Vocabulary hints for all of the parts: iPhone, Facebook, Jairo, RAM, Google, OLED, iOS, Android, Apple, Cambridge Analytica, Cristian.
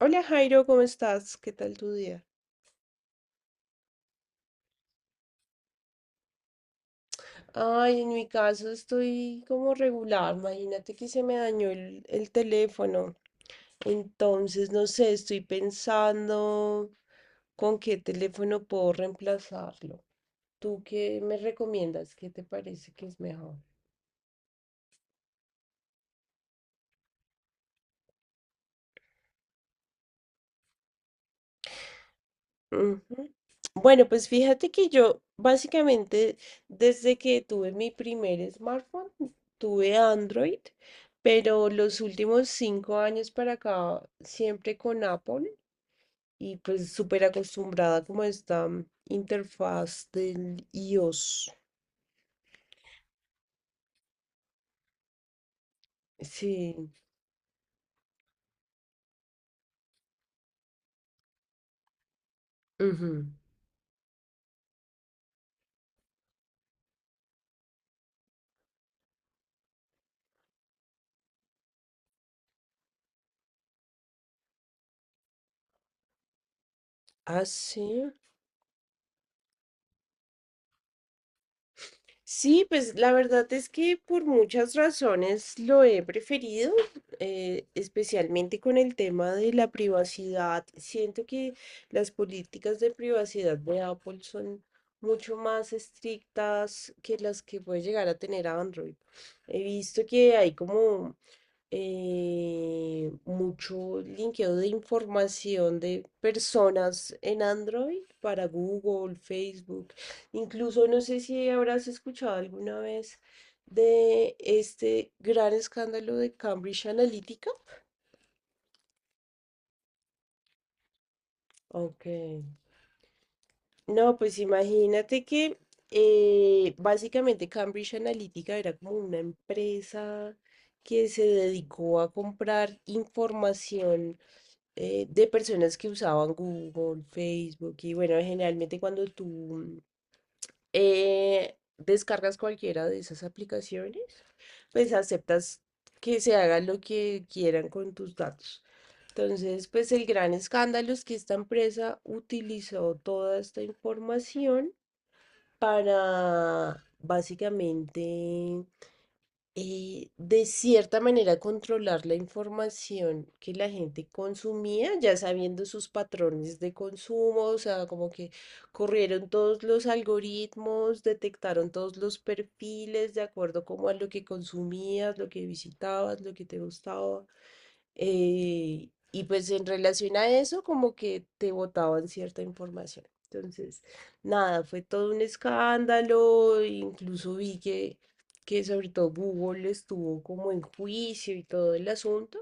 Hola Jairo, ¿cómo estás? ¿Qué tal tu día? Ay, en mi caso estoy como regular. Imagínate que se me dañó el teléfono. Entonces, no sé, estoy pensando con qué teléfono puedo reemplazarlo. ¿Tú qué me recomiendas? ¿Qué te parece que es mejor? Ujú. Bueno, pues fíjate que yo básicamente desde que tuve mi primer smartphone, tuve Android, pero los últimos 5 años para acá siempre con Apple y pues súper acostumbrada como a esta interfaz del iOS. Sí. Ujú. Ah, sí. Sí, pues la verdad es que por muchas razones lo he preferido, especialmente con el tema de la privacidad. Siento que las políticas de privacidad de Apple son mucho más estrictas que las que puede llegar a tener Android. He visto que hay como mucho linkeo de información de personas en Android para Google, Facebook. Incluso no sé si habrás escuchado alguna vez de este gran escándalo de Cambridge Analytica. Ok. No, pues imagínate que básicamente Cambridge Analytica era como una empresa que se dedicó a comprar información, de personas que usaban Google, Facebook y bueno, generalmente cuando tú descargas cualquiera de esas aplicaciones, pues aceptas que se haga lo que quieran con tus datos. Entonces, pues el gran escándalo es que esta empresa utilizó toda esta información para básicamente, de cierta manera, controlar la información que la gente consumía, ya sabiendo sus patrones de consumo, o sea, como que corrieron todos los algoritmos, detectaron todos los perfiles de acuerdo como a lo que consumías, lo que visitabas, lo que te gustaba, y pues en relación a eso, como que te botaban cierta información. Entonces, nada, fue todo un escándalo, incluso vi que sobre todo Google estuvo como en juicio y todo el asunto.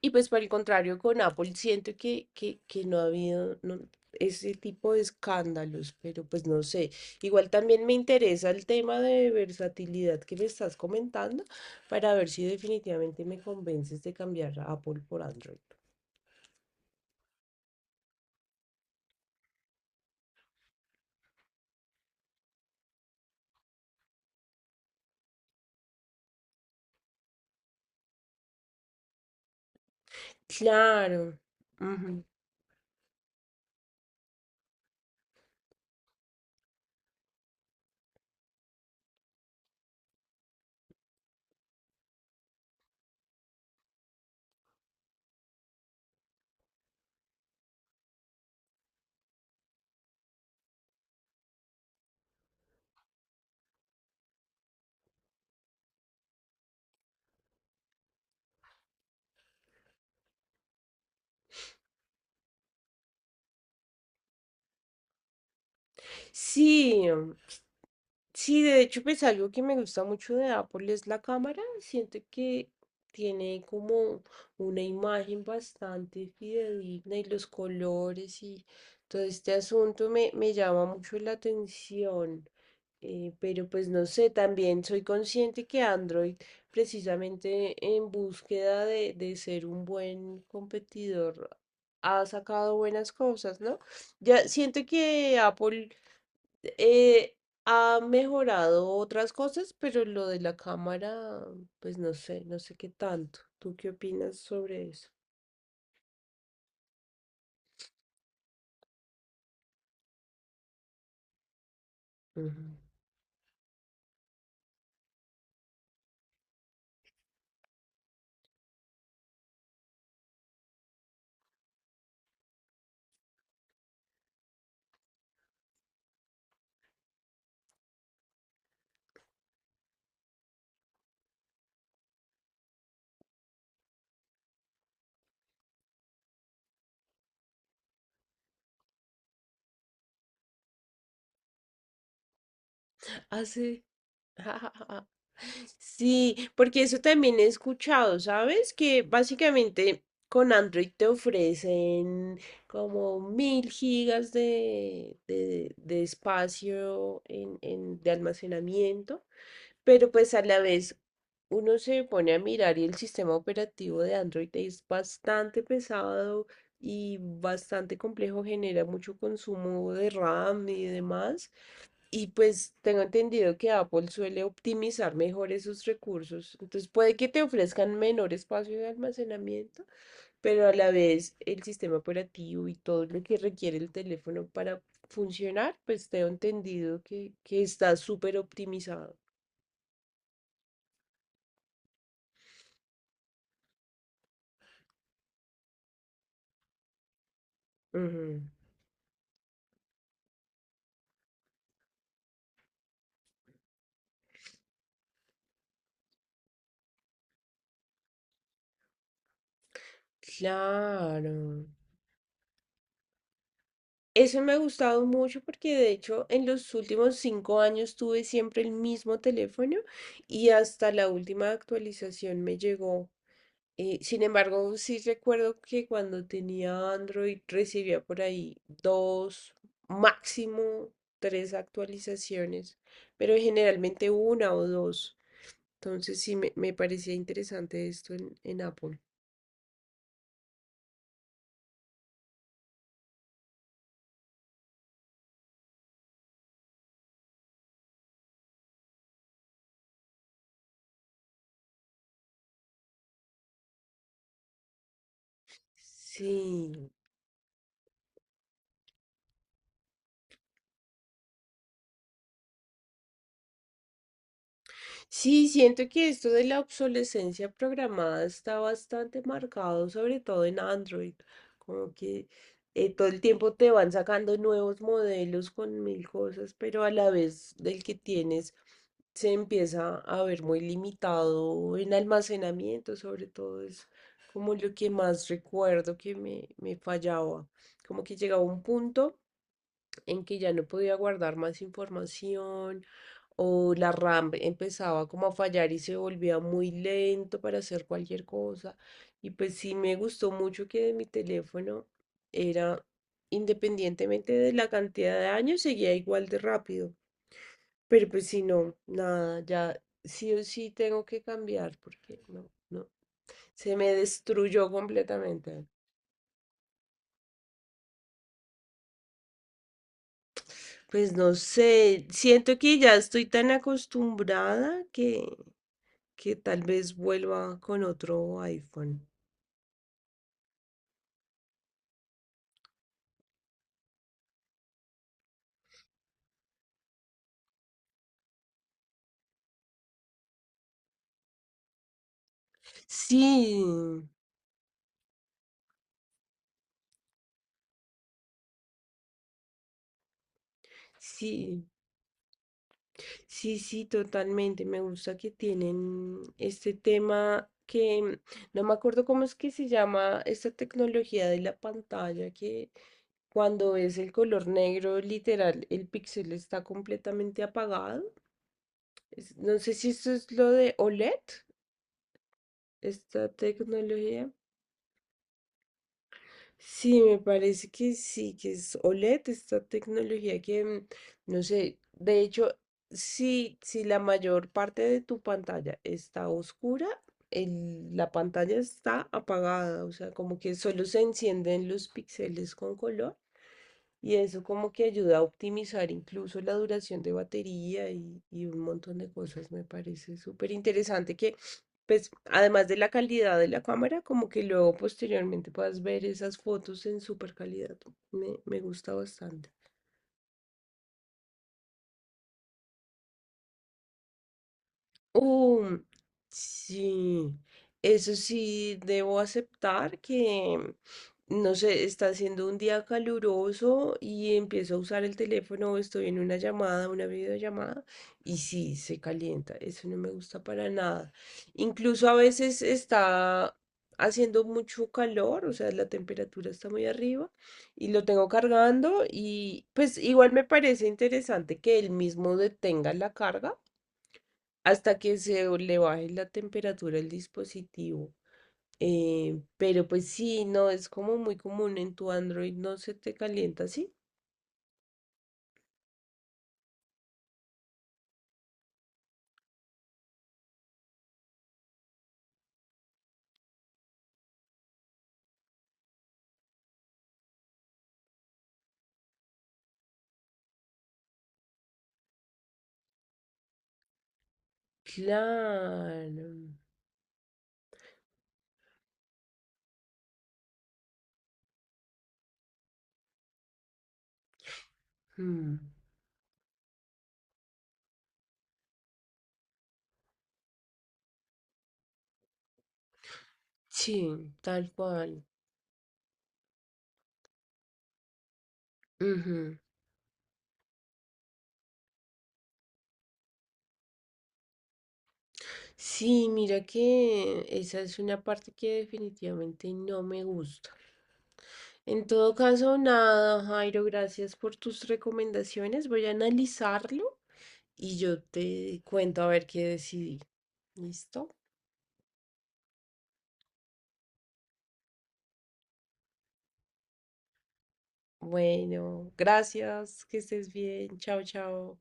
Y pues por el contrario, con Apple siento que no ha habido no, ese tipo de escándalos, pero pues no sé. Igual también me interesa el tema de versatilidad que me estás comentando para ver si definitivamente me convences de cambiar a Apple por Android. Claro. Ujú. Sí, sí, de hecho, pues algo que me gusta mucho de Apple es la cámara. Siento que tiene como una imagen bastante fidedigna y los colores y todo este asunto me llama mucho la atención. Pero pues no sé, también soy consciente que Android, precisamente en búsqueda de ser un buen competidor, ha sacado buenas cosas, ¿no? Ya siento que Apple eh, ha mejorado otras cosas, pero lo de la cámara, pues no sé, no sé qué tanto. ¿Tú qué opinas sobre eso? Ujú. Ah, sí. Sí, porque eso también he escuchado, ¿sabes? Que básicamente con Android te ofrecen como 1000 gigas de espacio de almacenamiento. Pero pues a la vez uno se pone a mirar y el sistema operativo de Android es bastante pesado y bastante complejo, genera mucho consumo de RAM y demás. Y pues tengo entendido que Apple suele optimizar mejor esos recursos. Entonces puede que te ofrezcan menor espacio de almacenamiento, pero a la vez el sistema operativo y todo lo que requiere el teléfono para funcionar, pues tengo entendido que está súper optimizado. Claro. Eso me ha gustado mucho porque de hecho en los últimos 5 años tuve siempre el mismo teléfono y hasta la última actualización me llegó. Sin embargo, sí recuerdo que cuando tenía Android recibía por ahí dos, máximo tres actualizaciones, pero generalmente una o dos. Entonces sí me parecía interesante esto en Apple. Sí. Sí, siento que esto de la obsolescencia programada está bastante marcado, sobre todo en Android, como que todo el tiempo te van sacando nuevos modelos con mil cosas, pero a la vez del que tienes se empieza a ver muy limitado en almacenamiento, sobre todo es como lo que más recuerdo que me fallaba, como que llegaba un punto en que ya no podía guardar más información o la RAM empezaba como a fallar y se volvía muy lento para hacer cualquier cosa. Y pues sí me gustó mucho que de mi teléfono era, independientemente de la cantidad de años, seguía igual de rápido. Pero pues si no, nada, ya sí o sí tengo que cambiar porque no, no, se me destruyó completamente. Pues no sé, siento que ya estoy tan acostumbrada que tal vez vuelva con otro iPhone. Sí, sí, sí, sí, totalmente. Me gusta que tienen este tema que no me acuerdo cómo es que se llama esta tecnología de la pantalla que cuando es el color negro, literal, el píxel está completamente apagado. No sé si esto es lo de OLED. Esta tecnología, sí, me parece que sí, que es OLED, esta tecnología que, no sé, de hecho, sí, si la mayor parte de tu pantalla está oscura, la pantalla está apagada, o sea, como que solo se encienden los píxeles con color y eso como que ayuda a optimizar incluso la duración de batería y un montón de cosas. Me parece súper interesante que, pues, además de la calidad de la cámara, como que luego posteriormente puedas ver esas fotos en súper calidad. Me gusta bastante. Uh, sí, eso sí, debo aceptar que, no sé, está haciendo un día caluroso y empiezo a usar el teléfono, estoy en una llamada, una videollamada, y sí, se calienta, eso no me gusta para nada. Incluso a veces está haciendo mucho calor, o sea, la temperatura está muy arriba y lo tengo cargando y pues igual me parece interesante que él mismo detenga la carga hasta que se le baje la temperatura al dispositivo. Pero pues sí, no, es como muy común en tu Android, no se te calienta ¿sí? Claro. Mm, sí, tal cual. Ujú. Sí, mira que esa es una parte que definitivamente no me gusta. En todo caso, nada, Jairo, gracias por tus recomendaciones. Voy a analizarlo y yo te cuento a ver qué decidí. ¿Listo? Bueno, gracias, que estés bien. Chao, chao.